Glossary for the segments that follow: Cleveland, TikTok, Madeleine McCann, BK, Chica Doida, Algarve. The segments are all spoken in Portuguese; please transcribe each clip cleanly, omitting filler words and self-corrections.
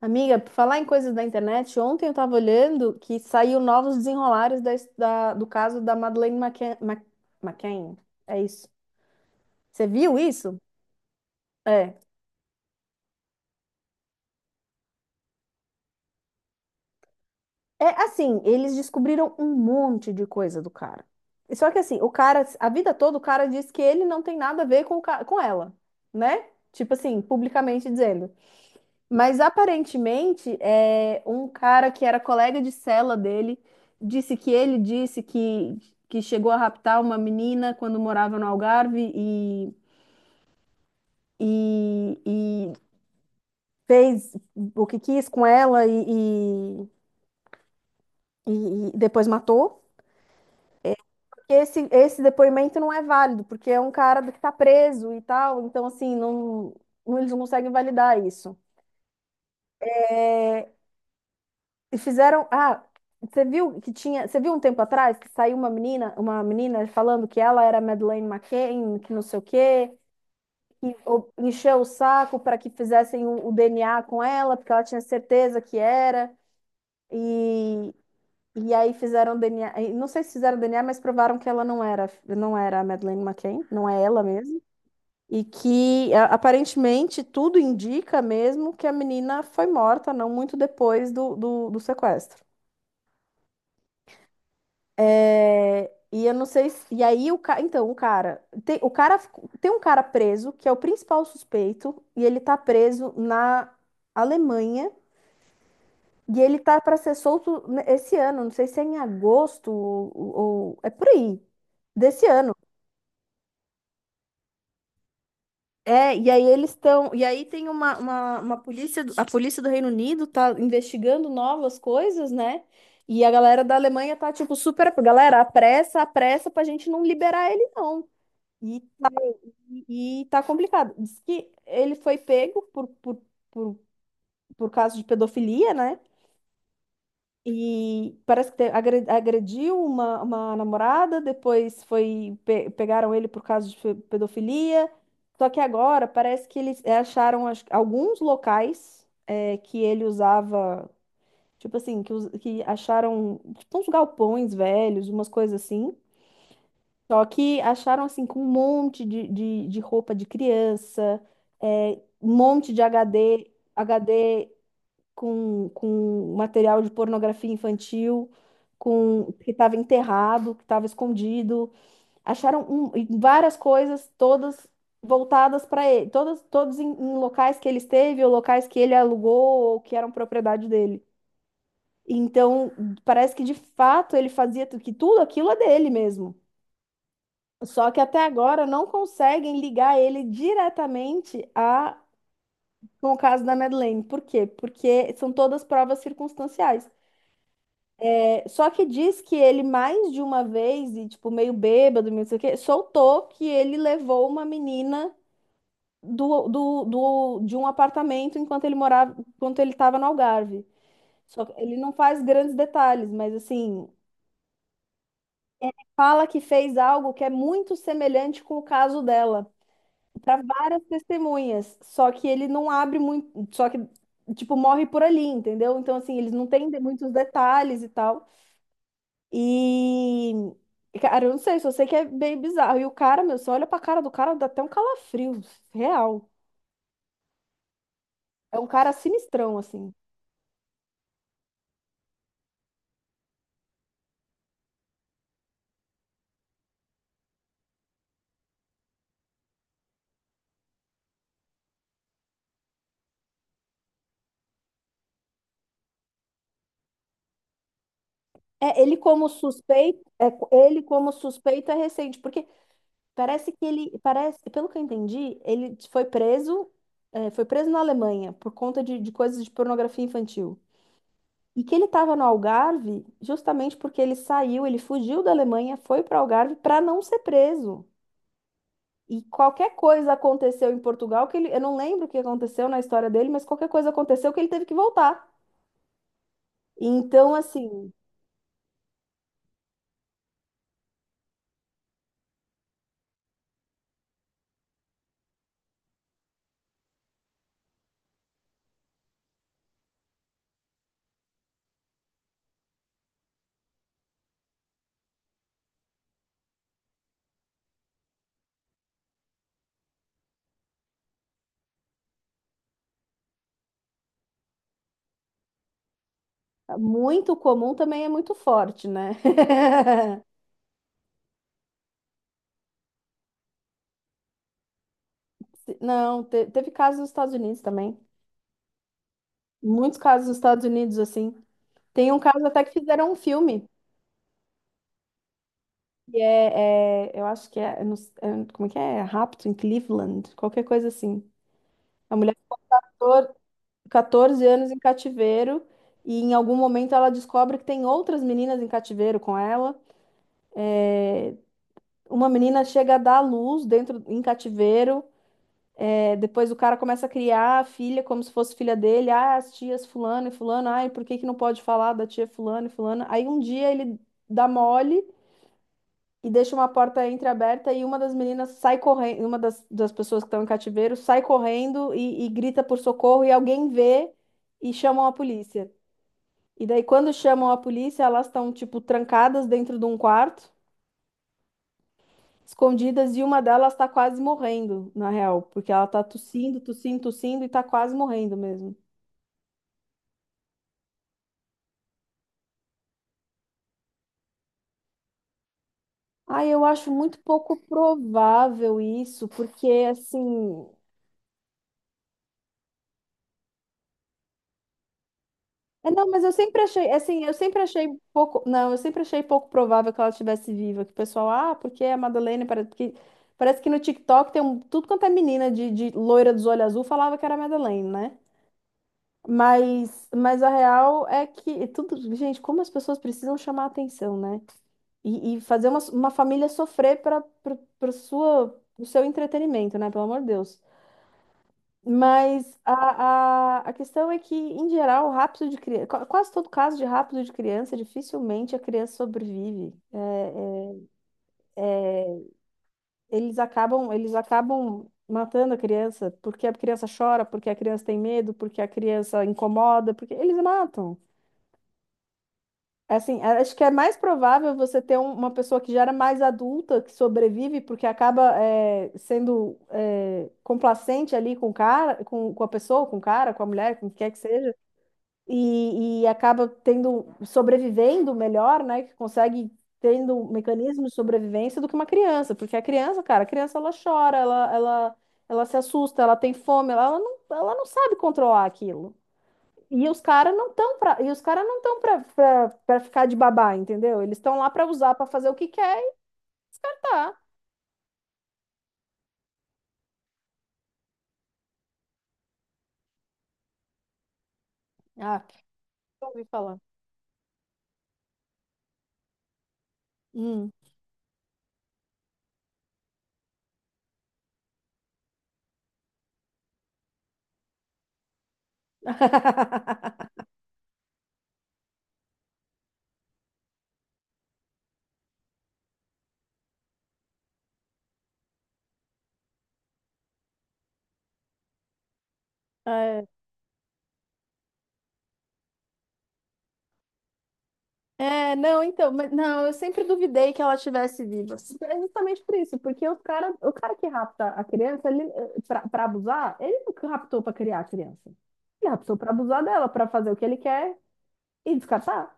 Amiga, por falar em coisas da internet, ontem eu estava olhando que saiu novos desenrolares do caso da Madeleine McCann, McCann. É isso. Você viu isso? É. É assim, eles descobriram um monte de coisa do cara. Só que assim, o cara, a vida toda, o cara diz que ele não tem nada a ver com, com ela, né? Tipo assim, publicamente dizendo. Mas aparentemente, é, um cara que era colega de cela dele disse que ele disse que chegou a raptar uma menina quando morava no Algarve e, e fez o que quis com ela e depois matou. Esse depoimento não é válido, porque é um cara que está preso e tal, então assim, eles não conseguem validar isso. E fizeram. Ah, você viu que tinha. Você viu um tempo atrás que saiu uma menina falando que ela era Madeleine McCann, que não sei o quê, e encheu o saco para que fizessem o DNA com ela, porque ela tinha certeza que era. E, e aí fizeram DNA. E não sei se fizeram DNA, mas provaram que ela não era, não era a Madeleine McCann, não é ela mesmo. E que aparentemente tudo indica mesmo que a menina foi morta não muito depois do do sequestro. É, e eu não sei se, e aí o cara, então o cara tem um cara preso que é o principal suspeito e ele tá preso na Alemanha e ele tá para ser solto esse ano, não sei se é em agosto é por aí desse ano. É, e aí eles estão, e aí tem uma polícia, a polícia do Reino Unido tá investigando novas coisas, né? E a galera da Alemanha tá tipo super, galera, apressa pra gente não liberar ele não. E tá complicado. Diz que ele foi pego por, por causa de pedofilia, né? E parece que agrediu uma namorada, depois foi pegaram ele por causa de pedofilia. Só que agora parece que eles é, acharam acho que, alguns locais é, que ele usava, tipo assim, que, que acharam tipo uns galpões velhos, umas coisas assim. Só que acharam assim com um monte de roupa de criança, é, um monte de HD com material de pornografia infantil, com que estava enterrado, que estava escondido. Acharam várias coisas, todas voltadas para ele, todas, todos em, em locais que ele esteve, ou locais que ele alugou, ou que eram propriedade dele. Então, parece que de fato ele fazia que tudo aquilo é dele mesmo. Só que até agora não conseguem ligar ele diretamente a com o caso da Madeleine. Por quê? Porque são todas provas circunstanciais. É, só que diz que ele mais de uma vez, e tipo, meio bêbado, meio não sei o quê, soltou que ele levou uma menina de um apartamento enquanto ele morava, enquanto ele estava no Algarve. Só que ele não faz grandes detalhes, mas assim, fala que fez algo que é muito semelhante com o caso dela, para várias testemunhas, só que ele não abre muito, só que tipo morre por ali, entendeu? Então assim, eles não têm muitos detalhes e tal. E cara, eu não sei, só sei que é bem bizarro. E o cara, meu, você olha pra cara do cara, dá até um calafrio, real. É um cara sinistrão assim. É, ele como suspeito, é, ele como suspeito é recente, porque parece que ele, parece, pelo que eu entendi, ele foi preso, é, foi preso na Alemanha por conta de coisas de pornografia infantil. E que ele estava no Algarve justamente porque ele saiu, ele fugiu da Alemanha, foi para o Algarve para não ser preso. E qualquer coisa aconteceu em Portugal, que ele, eu não lembro o que aconteceu na história dele, mas qualquer coisa aconteceu que ele teve que voltar. Então, assim, muito comum também é muito forte, né? Não, teve casos nos Estados Unidos também. Muitos casos nos Estados Unidos, assim. Tem um caso até que fizeram um filme. E é, eu acho que é, eu não s- é, como é que é? Rapto em Cleveland, qualquer coisa assim. A mulher ficou 14 anos em cativeiro e em algum momento ela descobre que tem outras meninas em cativeiro com ela. Uma menina chega a dar à luz dentro em cativeiro, é, depois o cara começa a criar a filha como se fosse filha dele. Ah, as tias fulano e fulano, ai, por que que não pode falar da tia fulano e fulana? Aí um dia ele dá mole e deixa uma porta entreaberta e uma das meninas sai correndo, uma das pessoas que estão em cativeiro sai correndo e grita por socorro e alguém vê e chamam a polícia. E daí, quando chamam a polícia, elas estão, tipo, trancadas dentro de um quarto, escondidas, e uma delas tá quase morrendo, na real, porque ela tá tossindo, tossindo, tossindo e tá quase morrendo mesmo. Ah, eu acho muito pouco provável isso, porque assim. É, não, mas eu sempre achei, assim, eu sempre achei pouco. Não, eu sempre achei pouco provável que ela estivesse viva. Que o pessoal, ah, porque a Madalena parece que no TikTok tem um, tudo quanto é menina de loira dos olhos azul falava que era a Madeleine, né? Mas a real é que tudo, gente, como as pessoas precisam chamar atenção, né? E fazer uma família sofrer para o seu entretenimento, né? Pelo amor de Deus. Mas a questão é que, em geral, o rapto de criança, quase todo caso de rapto de criança, dificilmente a criança sobrevive. Eles acabam matando a criança porque a criança chora, porque a criança tem medo, porque a criança incomoda, porque eles matam. Assim, acho que é mais provável você ter uma pessoa que já era mais adulta, que sobrevive, porque acaba eh, sendo eh, complacente ali com o cara, com a pessoa, com o cara, com a mulher, com o que quer que seja, e acaba tendo, sobrevivendo melhor, né? Que consegue tendo um mecanismo de sobrevivência do que uma criança, porque a criança, cara, a criança ela chora, ela se assusta, ela tem fome, ela não sabe controlar aquilo. E os caras não estão pra, e os cara não estão pra ficar de babá, entendeu? Eles estão lá pra usar, pra fazer o que quer e tá. Ah, que eu ouvi falar. Hum. É, não, então, mas, não, eu sempre duvidei que ela estivesse viva. É justamente por isso, porque os cara, o cara que rapta a criança, ele, eh, pra abusar, ele não raptou pra criar a criança. Ele raptou pra abusar dela, pra fazer o que ele quer e descartar.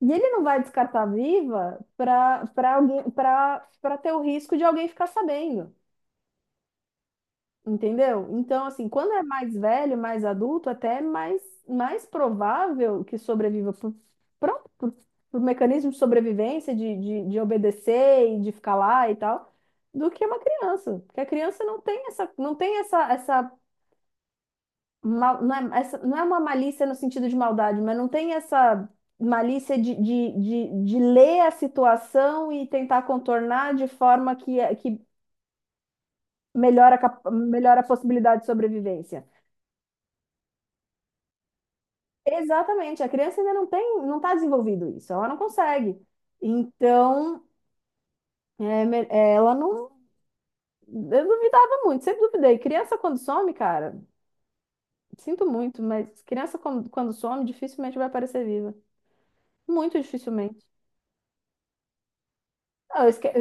E ele não vai descartar viva pra alguém, pra ter o risco de alguém ficar sabendo. Entendeu? Então, assim, quando é mais velho, mais adulto, até é mais, mais provável que sobreviva pronto, por mecanismo de sobrevivência, de obedecer e de ficar lá e tal, do que uma criança. Porque a criança não tem essa, mal- não é, essa, não é uma malícia no sentido de maldade, mas não tem essa malícia de ler a situação e tentar contornar de forma que, é, que melhora, melhora a possibilidade de sobrevivência. Exatamente, a criança ainda não tem, não está desenvolvido isso, ela não consegue. Então, é, é, ela não, eu duvidava muito, sempre duvidei. Criança quando some, cara, sinto muito, mas criança quando, quando some, dificilmente vai aparecer viva. Muito dificilmente. Ah,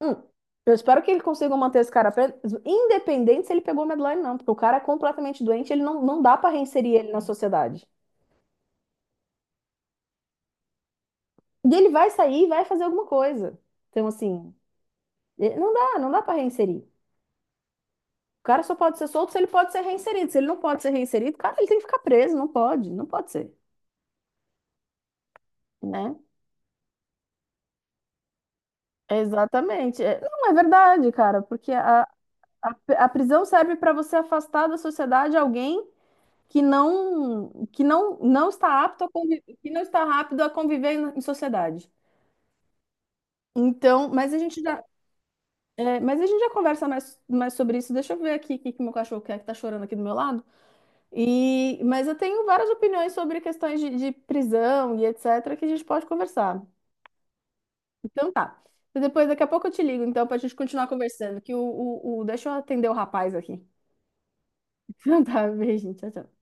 hum, eu espero que ele consiga manter esse cara preso, independente se ele pegou Medline, não, porque o cara é completamente doente, ele não, não dá para reinserir ele na sociedade. E ele vai sair e vai fazer alguma coisa. Então, assim, eh, não dá, não dá para reinserir. O cara só pode ser solto se ele pode ser reinserido. Se ele não pode ser reinserido, cara, ele tem que ficar preso, não pode, não pode ser, né? Exatamente. É, não, é verdade, cara, porque a, a prisão serve para você afastar da sociedade alguém que não está apto a que não está rápido a conviver em, em sociedade. Então, mas a gente já conversa mais, mais sobre isso. Deixa eu ver aqui o que, que meu cachorro quer que tá chorando aqui do meu lado. E, mas eu tenho várias opiniões sobre questões de prisão e etc. que a gente pode conversar. Então tá. E depois, daqui a pouco eu te ligo, então, pra gente continuar conversando. Que deixa eu atender o rapaz aqui. Então tá, beijinho, tchau, tchau.